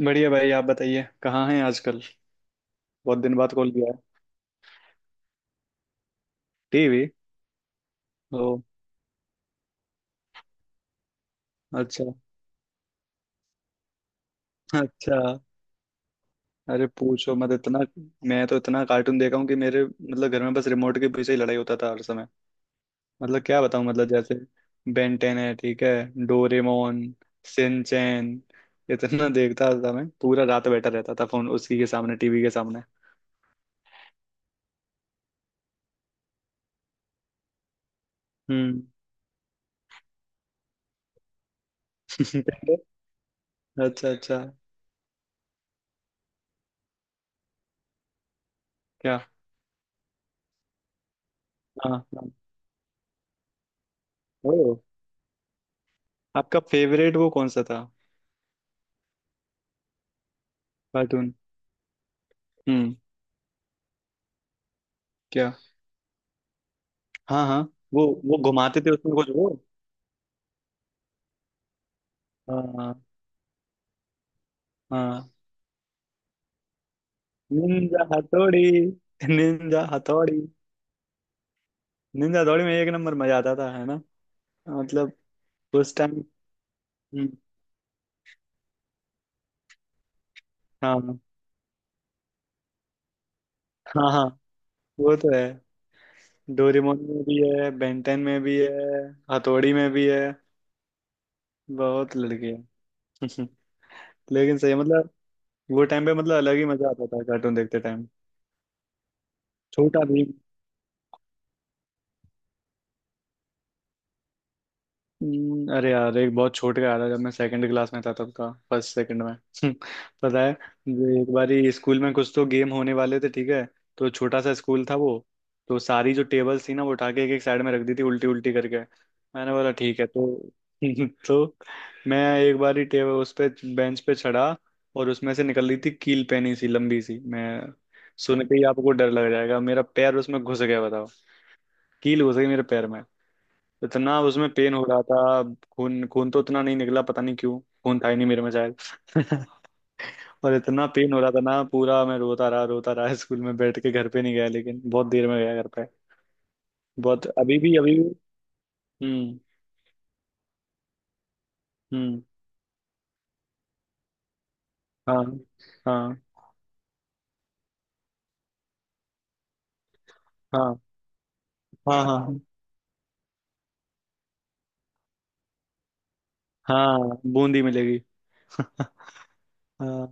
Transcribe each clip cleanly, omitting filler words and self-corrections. बढ़िया भाई। आप बताइए कहाँ हैं आजकल। बहुत दिन बाद कॉल किया है। टीवी। ओ। अच्छा। अच्छा। अरे पूछो मत इतना। मैं तो इतना कार्टून देखा हूँ कि मेरे मतलब घर में बस रिमोट के पीछे ही लड़ाई होता था हर समय। मतलब क्या बताऊँ। मतलब जैसे, बेन टेन है ठीक है। डोरेमोन। सिंचैन। इतना देखता था मैं, पूरा रात बैठा रहता था फोन उसी के सामने, टीवी के सामने। हम्म। अच्छा। अच्छा। क्या? हाँ हाँ। ओ। आपका फेवरेट वो कौन सा था कार्टून? हम्म। क्या? हाँ हाँ। वो घुमाते थे उसमें कुछ वो। हाँ हाँ। Ninja Hattori. Ninja Hattori. Ninja Hattori में एक नंबर मजा आता था है ना। मतलब, उस टाइम। हम्म। हाँ हाँ। हाँ वो तो है। डोरेमोन में भी है, बेंटेन में भी है, हथौड़ी में भी है। बहुत लड़के हैं। लेकिन सही है, मतलब वो टाइम पे मतलब अलग ही मजा आता था कार्टून देखते टाइम। छोटा भीम। हम्म। अरे यार एक बहुत छोटे का याद है, जब मैं सेकंड क्लास में था, तब का फर्स्ट सेकंड में पता है। जो एक बारी स्कूल में कुछ तो गेम होने वाले थे ठीक है। तो छोटा सा स्कूल था वो। तो सारी जो टेबल्स थी ना वो उठा के एक एक साइड में रख दी थी, उल्टी उल्टी करके। मैंने बोला ठीक है। तो तो मैं एक बारी टेबल उस पे, बेंच पे चढ़ा। और उसमें से निकल रही थी कील, पेनी सी लंबी सी। मैं सुन के ही आपको डर लग जाएगा, मेरा पैर उसमें घुस गया बताओ। कील घुस गई मेरे पैर में। इतना उसमें पेन हो रहा था। खून खून तो उतना नहीं निकला, पता नहीं क्यों। खून था ही नहीं मेरे में शायद। और इतना पेन हो रहा था ना, पूरा मैं रोता रहा, रोता रहा स्कूल में बैठ के, घर पे नहीं गया, लेकिन बहुत देर में गया घर पे। बहुत। अभी भी, अभी भी। हम्म। हम्म। हाँ। हाँ। हाँ। हाँ। हाँ। हाँ बूंदी मिलेगी। हाँ।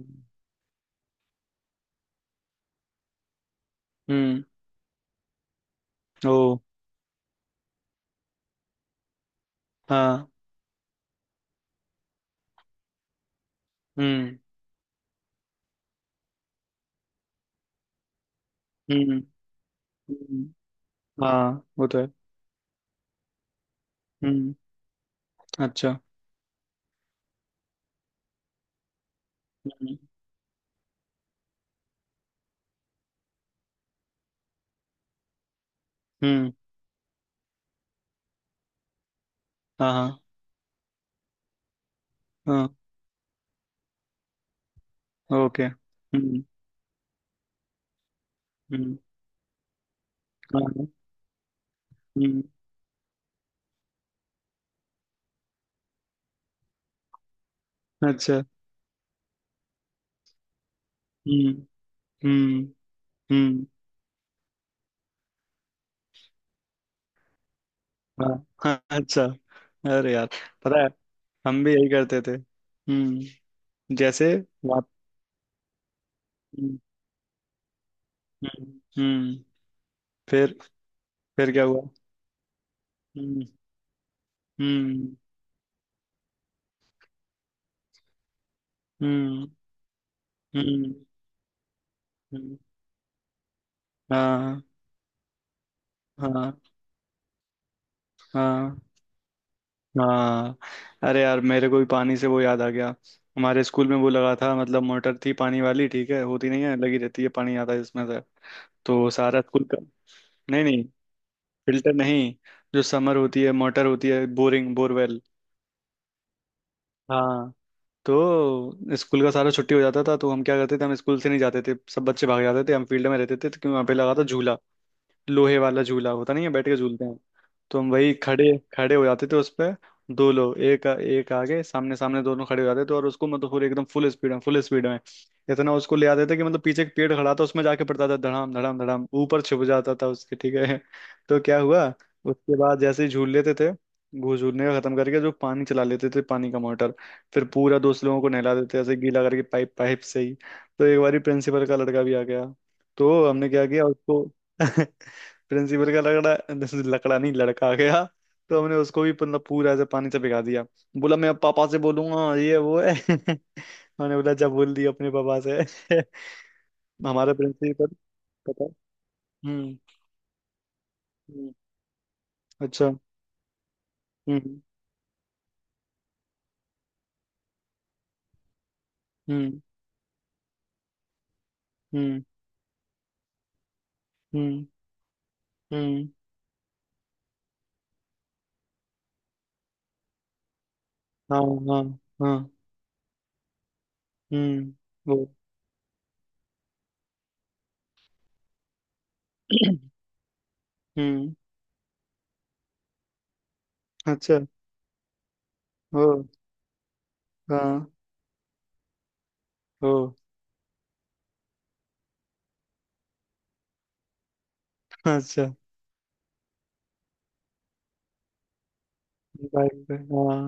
हम्म। ओ। हाँ। हम्म। हम्म। हम्म, हाँ वो तो है। हम्म। अच्छा। हम्म। हम्म। हाँ हाँ हाँ। ओके। हम्म। हम्म। हाँ। हम्म। अच्छा। हम्म। हम्म। हम्म। हाँ। हाँ, अच्छा। अरे यार। पता है, हम भी यही करते थे। हम्म। जैसे। वहाँ। हम्म। हम्म। हम्म, फिर। फिर क्या हुआ? हम्म। हम्म। हम्म। हम्म। हम्म। हाँ। हाँ। हाँ। हाँ। अरे यार मेरे को भी पानी से वो याद आ गया। हमारे स्कूल में वो लगा था, मतलब मोटर थी पानी वाली ठीक है, होती नहीं है, लगी रहती है, पानी आता है इसमें से। तो सारा स्कूल का। नहीं नहीं, फिल्टर नहीं। जो समर होती है, मोटर होती है, बोरिंग, बोरवेल। हाँ। तो स्कूल का सारा छुट्टी हो जाता था, तो हम क्या करते थे, हम स्कूल से नहीं जाते थे, सब बच्चे भाग जाते थे, हम फील्ड में रहते थे, तो क्योंकि वहाँ पे लगा था झूला। लोहे वाला झूला, होता नहीं है बैठ के झूलते हैं। तो हम वही खड़े खड़े हो जाते थे उस पे। दो लोग, एक एक आगे, सामने सामने दोनों खड़े हो जाते थे, और उसको मतलब पूरे एकदम फुल स्पीड में, फुल स्पीड में। इतना उसको ले आते थे कि मतलब पीछे एक पेड़ खड़ा था, उसमें जाके पड़ता था धड़ाम धड़ाम धड़ाम, ऊपर छिप जाता था उसके ठीक है। तो क्या हुआ? उसके बाद जैसे ही झूल लेते थे, घूस झूलने का खत्म करके, जो पानी चला लेते थे, पानी का मोटर। फिर पूरा दोस्त लोगों को नहला देते थे, ऐसे गीला करके, पाइप, पाइप से ही। तो एक बारी प्रिंसिपल का लड़का भी आ गया। तो हमने क्या किया उसको। प्रिंसिपल का लकड़ा, लकड़ा नहीं, लड़का आ गया। तो हमने उसको भी मतलब पूरा ऐसे पानी से भिगा दिया। बोला मैं अब पापा से बोलूंगा ये वो है। मैंने बोला जब बोल दिया अपने पापा से। हमारा प्रिंसिपल, पता है? हम्म। हम्म, अच्छा। हम्म। हम्म। हम्म। हम्म। हम्म। हाँ। हाँ। हाँ। हम्म। वो। हम्म। अच्छा। ओ। हाँ। ओ। अच्छा। बाइक पे हाँ।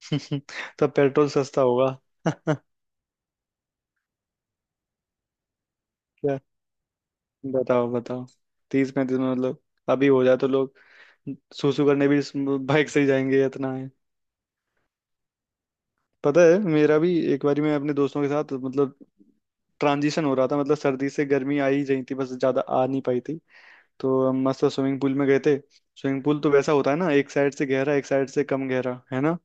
तब पेट्रोल सस्ता होगा। क्या? बताओ बताओ। 30 35 में, मतलब। अभी हो जाए तो लोग, सुसु करने भी इस बाइक से ही जाएंगे इतना है। पता है मेरा भी एक बारी, मैं अपने दोस्तों के साथ, मतलब ट्रांजिशन हो रहा था, मतलब सर्दी से गर्मी आ ही रही थी बस, ज्यादा आ नहीं पाई थी। तो हम मस्त स्विमिंग पूल में गए थे। स्विमिंग पूल तो वैसा होता है ना, एक साइड से गहरा, एक साइड से कम गहरा है ना।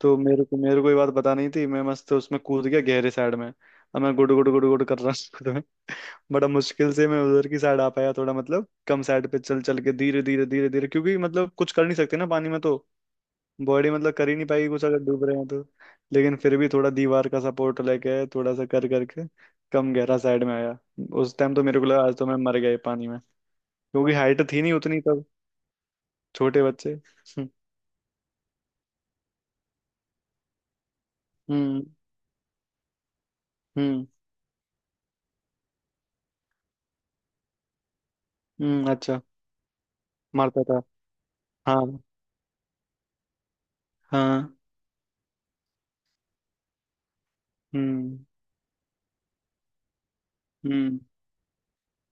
तो मेरे को ये बात पता नहीं थी, मैं मस्त उसमें कूद गया गहरे साइड में। अब मैं गुड़ गुड़ गुड़ गुड़ कर रहा। बड़ा मुश्किल से मैं उधर की साइड आ पाया, थोड़ा मतलब कम साइड पे, चल चल के धीरे धीरे, धीरे धीरे, क्योंकि मतलब कुछ कर नहीं सकते ना पानी में तो। बॉडी मतलब कर ही नहीं पाएगी कुछ अगर डूब रहे हैं तो। लेकिन फिर भी थोड़ा दीवार का सपोर्ट लेके, थोड़ा सा कर करके कम गहरा साइड में आया। उस टाइम तो मेरे को लगा, आज तो मैं मर गया ये पानी में। क्योंकि हाइट थी नहीं उतनी तब, छोटे बच्चे। हम्म। हम्म। हम्म। अच्छा। मारता था। हाँ। हाँ। हम्म। हम्म।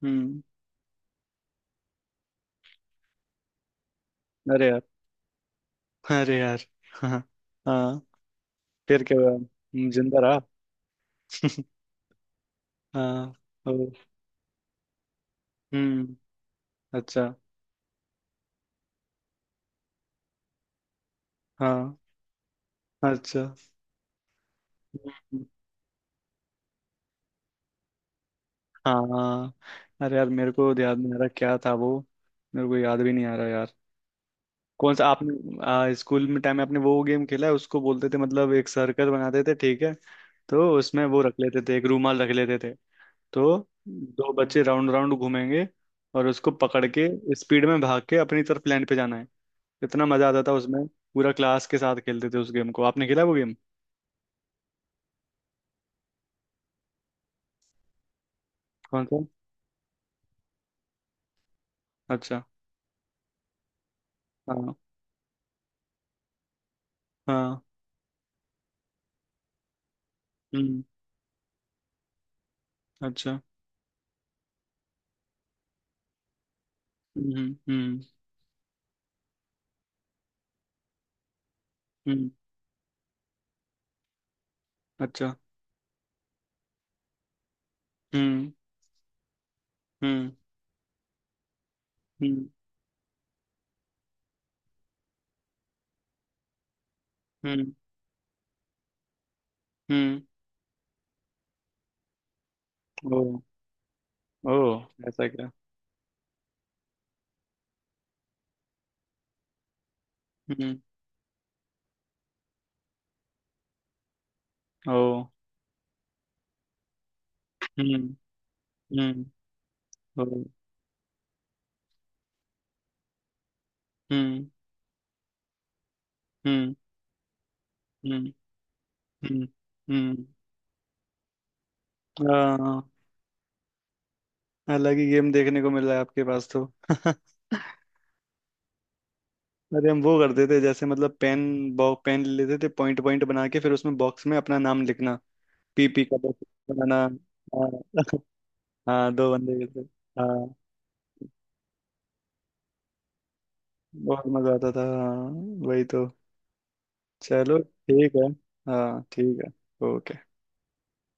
हम्म। अरे यार। अरे यार। हाँ। हाँ। फिर क्या हुआ? जिंदा रहा। हाँ। ओ। हम्म। अच्छा। हाँ। अच्छा। हम्म, हाँ। अरे यार मेरे को याद नहीं आ रहा क्या था वो। मेरे को याद भी नहीं आ रहा यार। कौन सा, आपने स्कूल में टाइम में आपने वो गेम खेला है उसको बोलते थे, मतलब एक सर्कल बनाते थे ठीक है। तो उसमें वो रख लेते थे, एक रूमाल रख लेते थे। तो दो बच्चे राउंड राउंड घूमेंगे, और उसको पकड़ के स्पीड में भाग के अपनी तरफ लैंड पे जाना है। इतना मजा आता था उसमें। पूरा क्लास के साथ खेलते थे उस गेम को, आपने खेला वो गेम? कौन सा? अच्छा। हाँ हाँ। हम्म। अच्छा। हम्म। हम्म। हम्म। अच्छा। हम्म। हम्म। हम्म। हम्म। हम्म। ओ। ओ। ऐसा क्या? हम्म। ओ। हम्म। हम्म। ओ। हम्म। हम्म। हम्म। हम्म। हम्म। हाँ, अलग ही गेम देखने को मिल रहा है आपके पास तो। अरे हम वो करते थे, जैसे मतलब पेन, बॉ पेन ले लेते थे, पॉइंट पॉइंट बना के फिर उसमें बॉक्स में अपना नाम लिखना। पीपी का बॉक्स बनाना। हाँ। हाँ, दो बंदे के थे। हाँ। बहुत मजा आता था हाँ। वही तो। चलो ठीक है। हाँ ठीक है। ओके।